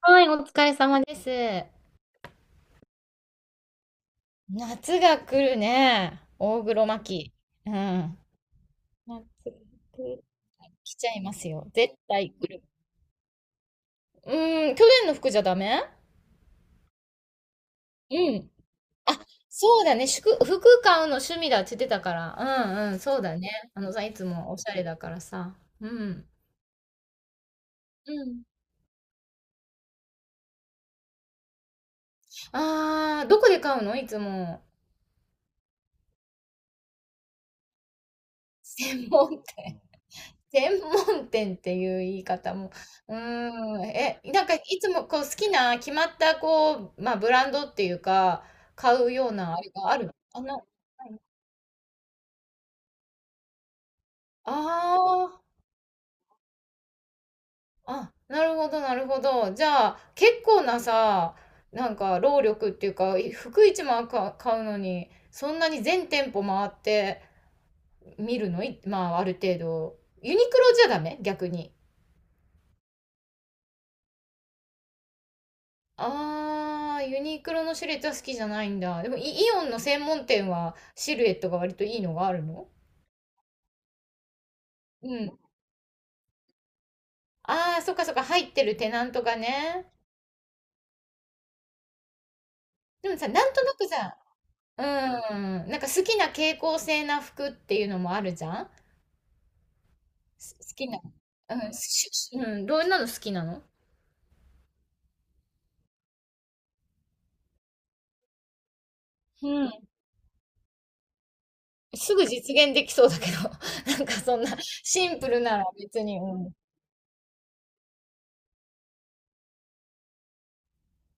はい、お疲れ様です。夏が来るね。大黒摩季。うん。夏来ちゃいますよ。絶対来る。うん。去年の服じゃダメ。うん。あ、そうだね。服、買うの趣味だって言ってたから。うんうん。そうだね。あのさ、いつもおしゃれだからさ。うん。うん。あー、どこで買うのいつも。専門店。専門店っていう言い方も、うーん、え、いつもこう好きな決まったこう、まあブランドっていうか、買うようなあれがあるの？あ、ない？ああ、あ、なるほど、なるほど。じゃあ、結構なさ、労力っていうか、服一枚か買うのに、そんなに全店舗回って見るの？いまあある程度。ユニクロじゃダメ逆に？あー、ユニクロのシルエットは好きじゃないんだ。でもイオンの専門店はシルエットが割といいのがあるの？うん。あー、そっかそっか、入ってるテナントがね。でもさ、なんとなくさ、うん、好きな傾向性な服っていうのもあるじゃん。好きな。うん、うん、どんなの好きなの？うん。すぐ実現できそうだけど、なんかそんなシンプルなら別に、うん。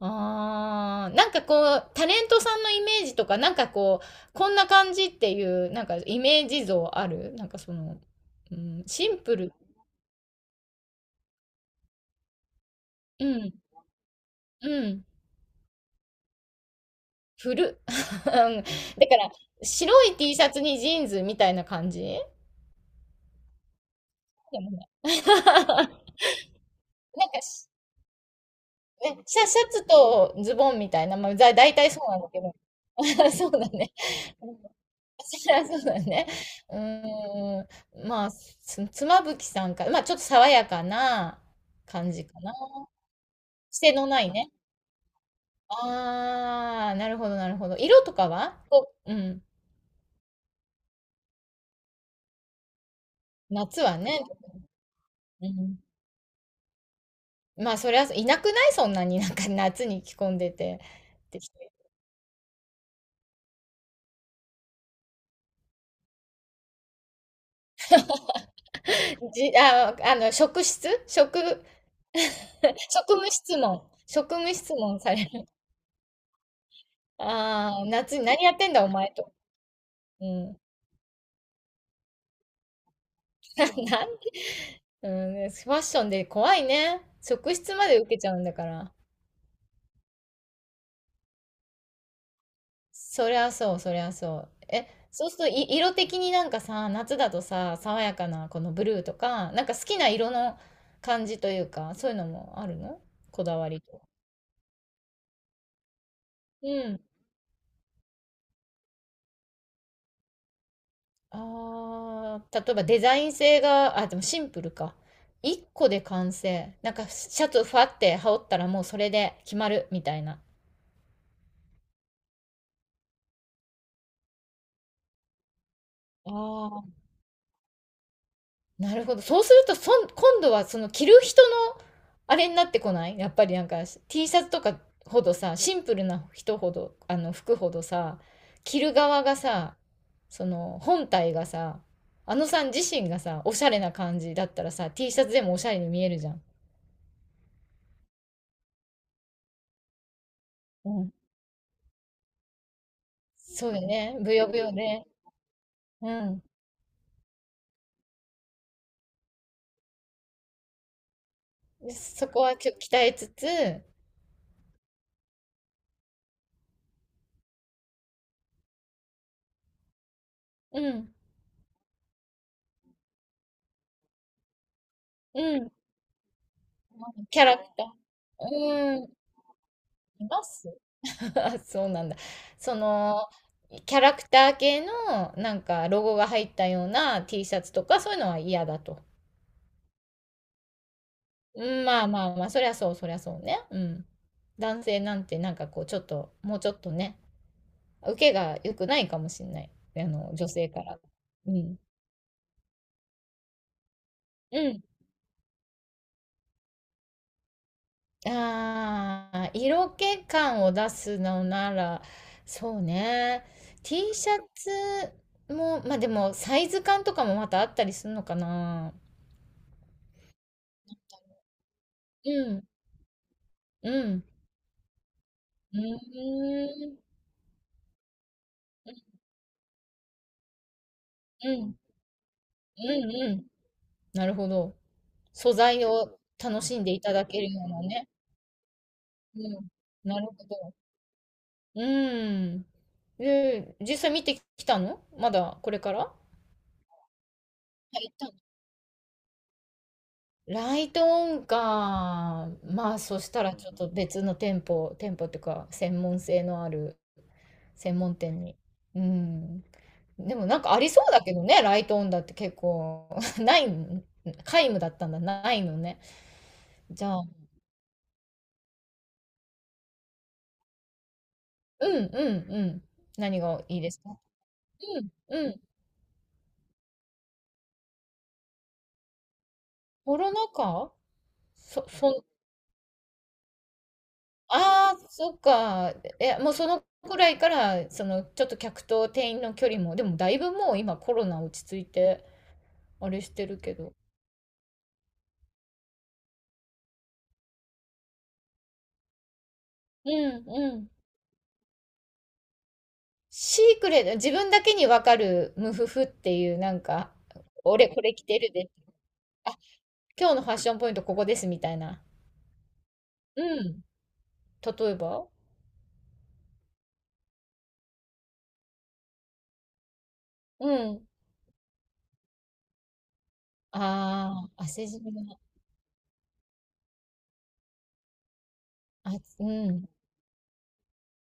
ああ、タレントさんのイメージとか、なんかこう、こんな感じっていう、なんかイメージ像あるなんかその、うん、シンプル。うん、うん、古。うん、だから、白い T シャツにジーンズみたいな感じでもね。なんかし、ね、シャツとズボンみたいな、まあ、大体そうなんだけど。そうだね。そりゃそうだね。うーん。まあ、妻夫木さんか。まあ、ちょっと爽やかな感じかな。癖のないね。ああ、なるほど、なるほど。色とかはこう、うん。夏はね。うん。まあ、そりゃ、いなくない？そんなになんか夏に着込んでて。ってじ、あ、あの、職、職務質問。職務質問される。ああ、夏に何やってんだお前と。うん。な、なんうん、ねファッションで怖いね。職質まで受けちゃうんだから。そりゃそう、そりゃそう。え、そうすると色的になんかさ、夏だとさ、爽やかなこのブルーとか、なんか好きな色の感じというか、そういうのもあるの？こだわりと。うん。ああ、例えばデザイン性が、あ、でもシンプルか。一個で完成。なんかシャツファって羽織ったらもうそれで決まるみたいな。あ、なるほど。そうすると、今度はその着る人のあれになってこない？やっぱりなんか T シャツとかほどさ、シンプルな人ほど、あの服ほどさ、着る側がさ、その本体がさ、あのさん自身がさ、おしゃれな感じだったらさ、T シャツでもおしゃれに見えるじゃん。うん。そうよね。ぶよぶよで。うん。そこはちょっと鍛えつつ、うん。うん。キャラクター。います。 そうなんだ。その、キャラクター系の、なんか、ロゴが入ったような T シャツとか、そういうのは嫌だと。うん、まあまあまあ、そりゃそう、そりゃそうね。うん。男性なんて、なんかこう、ちょっと、もうちょっとね、受けが良くないかもしれない。あの、女性から。うん。うん。ああ、色気感を出すのなら、そうね。T シャツも、まあでも、サイズ感とかもまたあったりするのかな。うん、うん、うーん、うん、うん、うん。なるほど。素材を楽しんでいただけるようなね。うん、なるほど。うん。で、実際見てきたの？まだこれからは？いライトオンか。まあ、そしたらちょっと別の店舗、店舗っていうか、専門性のある専門店に。うん。でもなんかありそうだけどね、ライトオンだって結構、ないん、皆無だったんだ、ないのね。じゃあ、うんうんうん。何がいいですか？うんうん。コロナ禍？そ、そ、ああ、そっか。え、もうそのくらいから、その、ちょっと客と店員の距離も、でもだいぶもう今コロナ落ち着いて、あれしてるけど。うんうん。シークレット、自分だけにわかるムフフっていうなんか、俺これ着てるで。あ、今日のファッションポイントここですみたいな。うん。例えば？うん。ああー、汗じみが、あ、うん。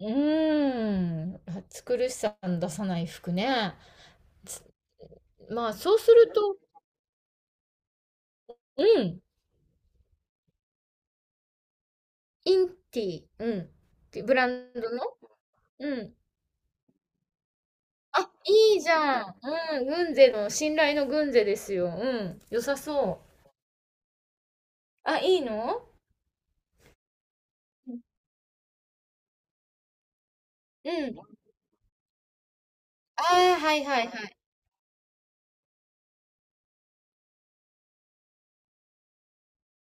うーん。暑苦しさの出さない服ね。つまあ、そうすると、うん。インティ、うん。ブランドの、うん。あ、いいじゃん。うん、軍勢の、信頼の軍勢ですよ。うん、良さそう。あ、いいの？うん。ああ、はいはいはい。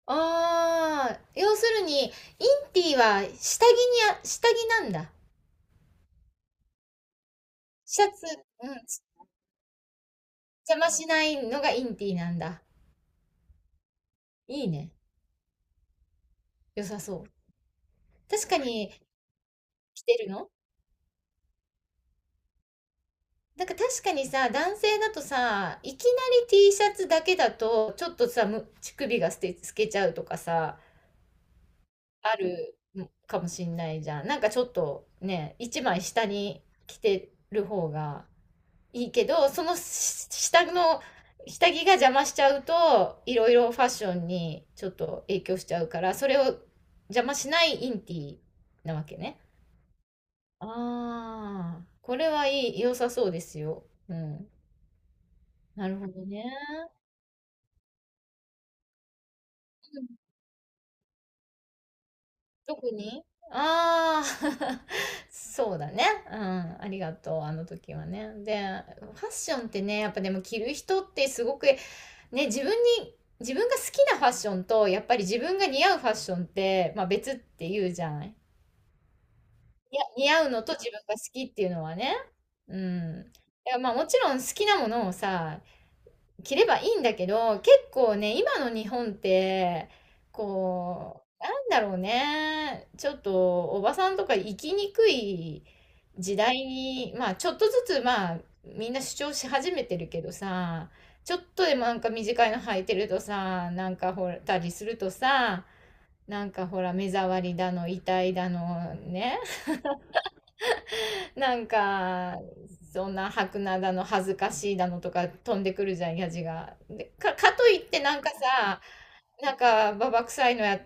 ああ、要するに、インティは下着に？あ、下着なんだ。シャツ、うん、邪魔しないのがインティなんだ。いいね。良さそう。確かに着てるの？なんか確かにさ、男性だとさ、いきなり T シャツだけだと、ちょっとさ、乳首が透けちゃうとかさ、あるかもしんないじゃん。なんかちょっとね、一枚下に着てる方がいいけど、そのし下の下着が邪魔しちゃうと、いろいろファッションにちょっと影響しちゃうから、それを邪魔しないインティなわけね。ああ、これはいい、良さそうですよ。うん。なるほどね。特にああー。 そうだね。うん。ありがとう。あの時はね。で、ファッションってね、やっぱでも着る人ってすごく、ね、自分が好きなファッションと、やっぱり自分が似合うファッションって、まあ別って言うじゃない。いや、似合うのと自分が好きっていうのはね。うん。いや、まあもちろん好きなものをさ、着ればいいんだけど、結構ね、今の日本って、こう、なんだろうね、ちょっとおばさんとか生きにくい時代に、まあちょっとずつまあみんな主張し始めてるけどさ、ちょっとでもなんか短いの履いてるとさ、なんかほらたりするとさ、なんかほら目障りだの、痛いだのね、なんか、そんな白菜だの恥ずかしいだのとか飛んでくるじゃん、やじが。で、かといってなんかさ、なんかババ臭いのや、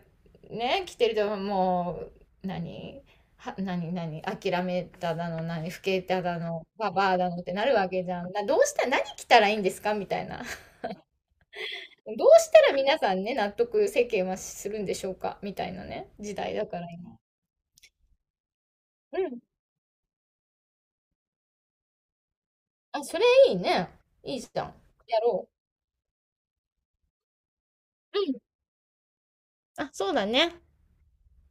ね、着てるともう、諦めただの、何、老けただの、ババアだのってなるわけじゃん。どうした、何着たらいいんですかみたいな。どうしたら皆さんね、納得世間はするんでしょうかみたいなね、時代だから今。うん。あ、それいいね。いいじゃん。やろう。うん。あ、そうだね。